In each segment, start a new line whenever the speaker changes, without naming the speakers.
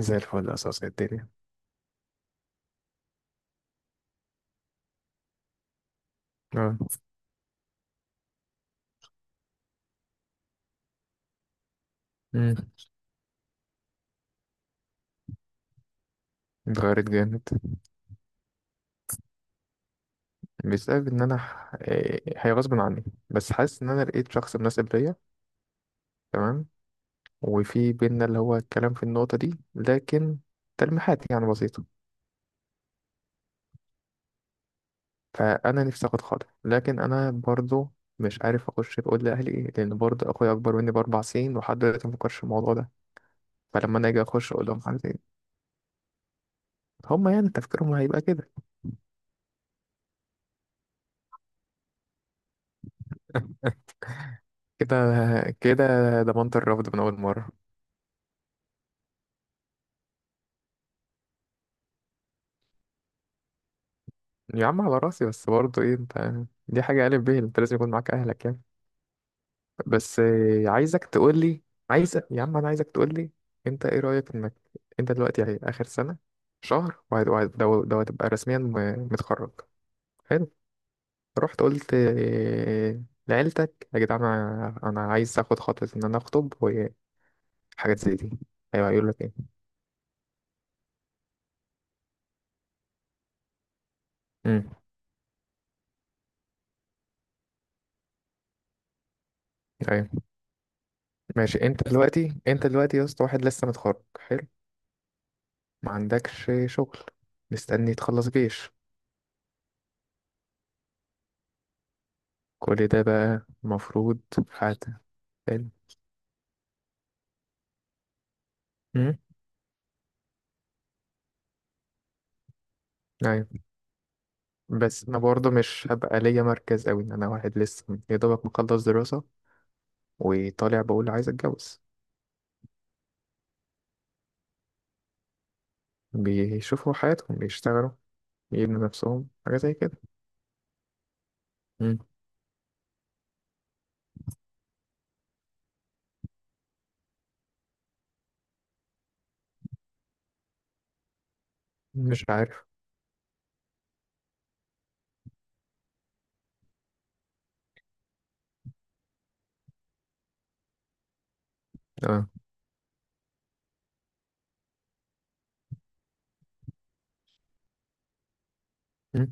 زي الفل، أساس الدنيا. اه. مم. اتغيرت جامد. بسبب إن أنا ح- إيه، هي غصب عني. بس حاسس إن أنا لقيت شخص مناسب ليا. تمام. وفي بينا اللي هو الكلام في النقطة دي، لكن تلميحات يعني بسيطة. فأنا نفسي آخد خاطر، لكن أنا برضو مش عارف أخش أقول لأهلي إيه، لأن برضو أخويا أكبر مني بأربع سنين ولحد دلوقتي مفكرش في الموضوع ده. فلما أنا أجي أخش أقول لهم حاجة زي دي، هما يعني تفكيرهم هيبقى كده. كده. كده. ضمنت الرفض من أول مرة. يا عم على راسي، بس برضه انت دي حاجة قالب بيه، انت لازم يكون معاك اهلك يعني. بس عايزك تقول لي. عايز يا عم، انا عايزك تقول لي انت ايه رأيك انك انت دلوقتي يعني اخر سنة، شهر، وهت- وهت- ده ده هتبقى رسميا متخرج. حلو. رحت قلت لعيلتك يا جدعان، انا عايز اخد خطوة ان انا اخطب وحاجات زي دي. ايوه هيقول لك ايه؟ امم. ايوه ماشي. انت دلوقتي يا اسطى، واحد لسه متخرج حلو. ما عندكش شغل. مستني تخلص جيش. كل ده بقى المفروض. فات. حلو. أمم، أيوة. بس أنا برضه مش هبقى ليا مركز أوي، أنا واحد لسه يا دوبك مخلص دراسة وطالع بقول عايز أتجوز. بيشوفوا حياتهم، بيشتغلوا، يبنوا نفسهم حاجة زي كده. أمم، مش عارف. أه. أمم.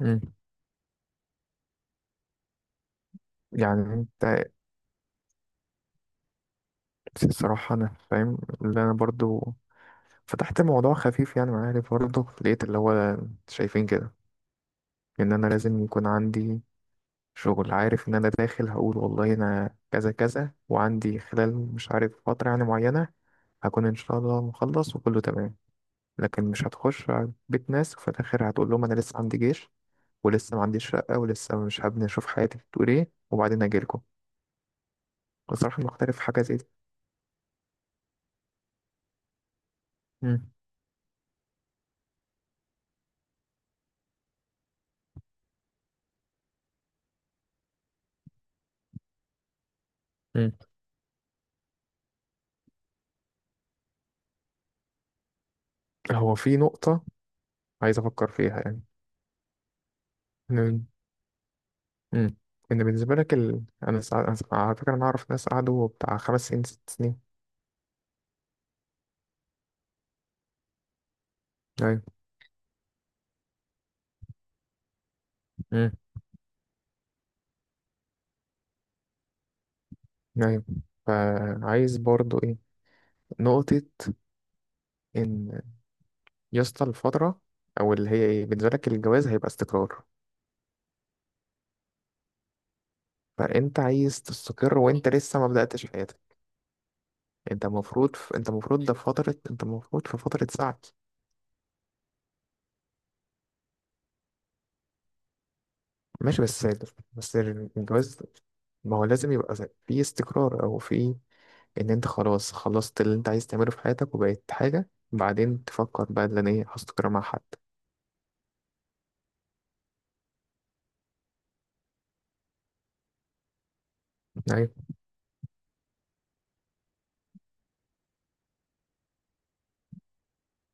أمم. يعني الصراحة أنا فاهم. اللي أنا برضه فتحت موضوع خفيف يعني معايا، برضه لقيت اللي هو شايفين كده. ان انا لازم يكون عندي شغل، عارف ان انا داخل هقول والله انا كذا كذا وعندي خلال مش عارف فترة يعني معينة هكون ان شاء الله مخلص وكله تمام. لكن مش هتخش على بيت ناس وفي الاخر هتقول لهم انا لسه عندي جيش، ولسه ما عنديش شقة، ولسه مش حابب اشوف حياتي بتقول ايه وبعدين اجيلكم. بصراحة مختلف في حاجة زي دي. مم. مم. هو في نقطة عايز افكر فيها يعني. مم. مم. ان بالنسبة لك على فكرة انا اعرف ناس قعدوا بتاع 5 سنين، 6 سنين. ايوه. مم. ايوه. فعايز برضو نقطة، ان يا اسطى الفترة او اللي هي ايه، بالنسبة لك الجواز هيبقى استقرار. فانت عايز تستقر وانت لسه ما بدأتش حياتك. انت المفروض في فترة سعي. ماشي. بس الجواز، ما هو لازم يبقى في استقرار، او في ان انت خلاص خلصت اللي انت عايز تعمله في حياتك وبقيت حاجة، بعدين تفكر بقى ان انا ايه، هستقر مع حد. ايوه.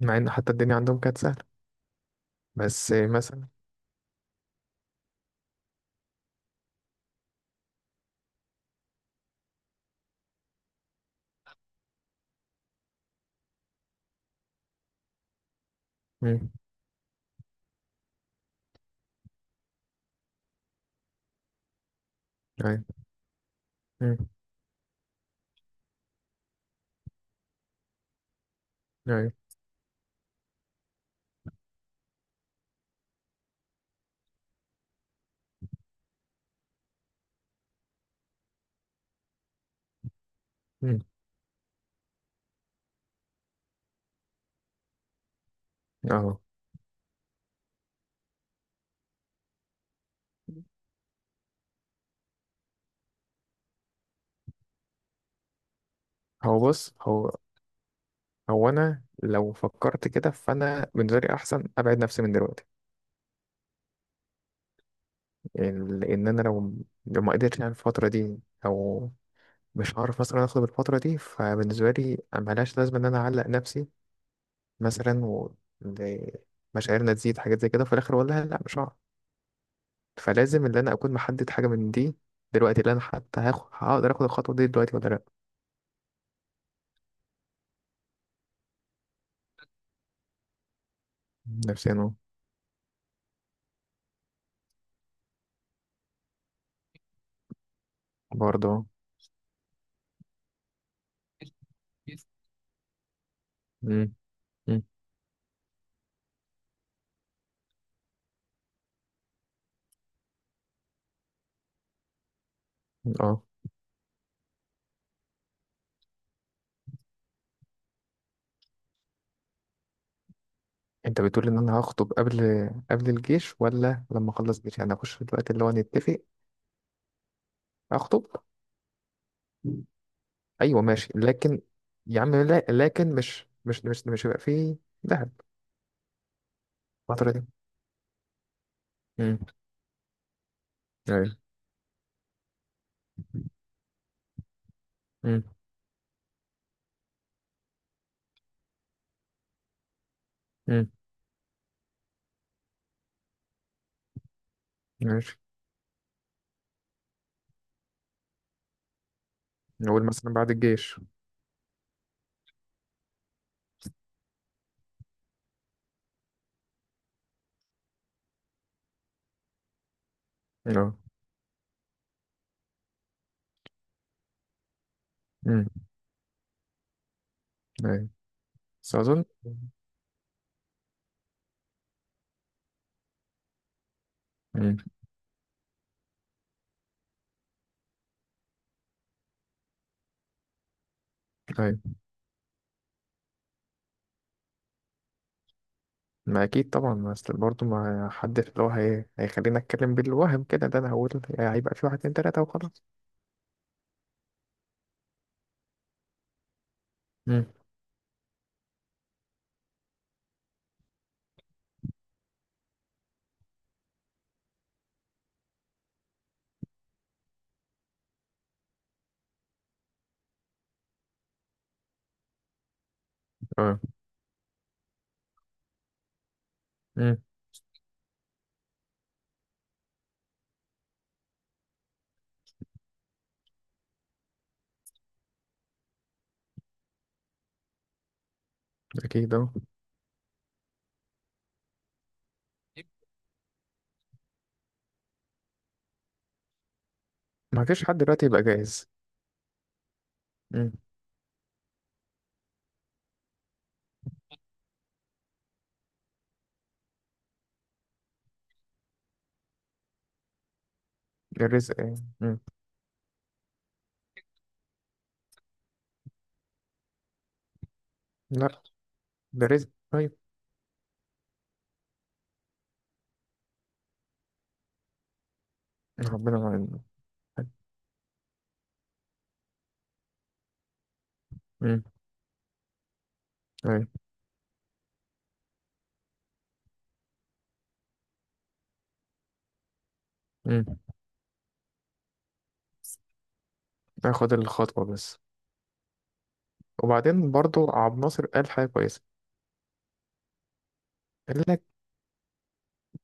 مع ان حتى الدنيا عندهم كانت سهلة. بس مثلا. أيوة. مم. أيوة. مم. أهو. هو بص، هو أنا لو فكرت كده فأنا بالنسبة لي أحسن أبعد نفسي من دلوقتي. يعني لأن أنا لو ما قدرتش يعني الفترة دي، أو مش هعرف مثلا آخد الفترة دي، فبالنسبة لي ملهاش لازمة إن أنا أعلق نفسي مثلا و ل- مشاعرنا تزيد حاجات زي كده، في الآخر والله لأ مش هعرف. فلازم إن أنا أكون محدد حاجة من دي دلوقتي، اللي أنا حتى هاخد هقدر آخد الخطوة دي دلوقتي ولا لأ. نفسيا أهو. برضه أهو. مم. مم. أه. انت بتقول ان انا هخطب قبل الجيش ولا لما اخلص جيش؟ يعني اخش دلوقتي اللي هو نتفق. اخطب. ايوه ماشي، لكن يا عم لا، لكن مش هيبقى فيه دهب الفترة دي. امم. ايوه. امم. امم. ماشي، نقول مثلا بعد الجيش. اه. امم. ايوه. بس اظن. امم. ايوه. ما اكيد طبعا، ما اصل برضه ما حدش اللي هو هيخليني اتكلم بالوهم كده، ده انا هقول هيبقى في واحد اتنين تلاته وخلاص. امم. اه. امم. اكيد اه. ما فيش حد دلوقتي يبقى جاهز. مم. الرزق يعني مم. لا، ده رزق طيب. ربنا معانا. مم. طيب. مم. اخد الخطوة بس. وبعدين برضو عبد الناصر قال حاجة كويسة. قال لك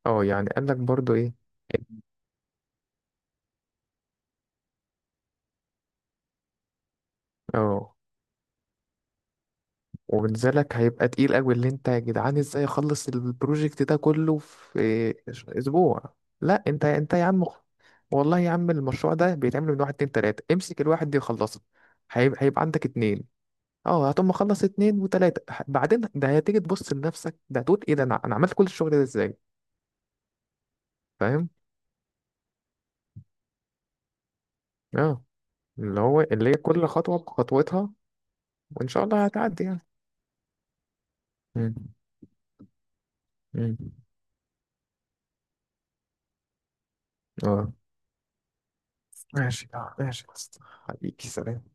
اه، يعني قال لك برضو ايه؟ اه. وبنزلك هيبقى تقيل قوي، اللي انت يا جدعان ازاي اخلص البروجكت ده كله في اسبوع. لا، انت يا عم والله يا عم، المشروع ده بيتعمل من واحد اتنين تلاتة، امسك الواحد دي خلصه. هيبقى عندك اتنين. اه، هتقوم مخلص اتنين وتلاتة، بعدين ده هتيجي تبص لنفسك، ده هتقول ايه ده، انا عملت كل الشغل ده ازاي. فاهم. اه. اللي هو اللي هي كل خطوة بخطوتها. وان شاء الله هتعدي يعني. مم. مم. اه ماشي، اه ماشي يا اسطى. حبيبي، سلام.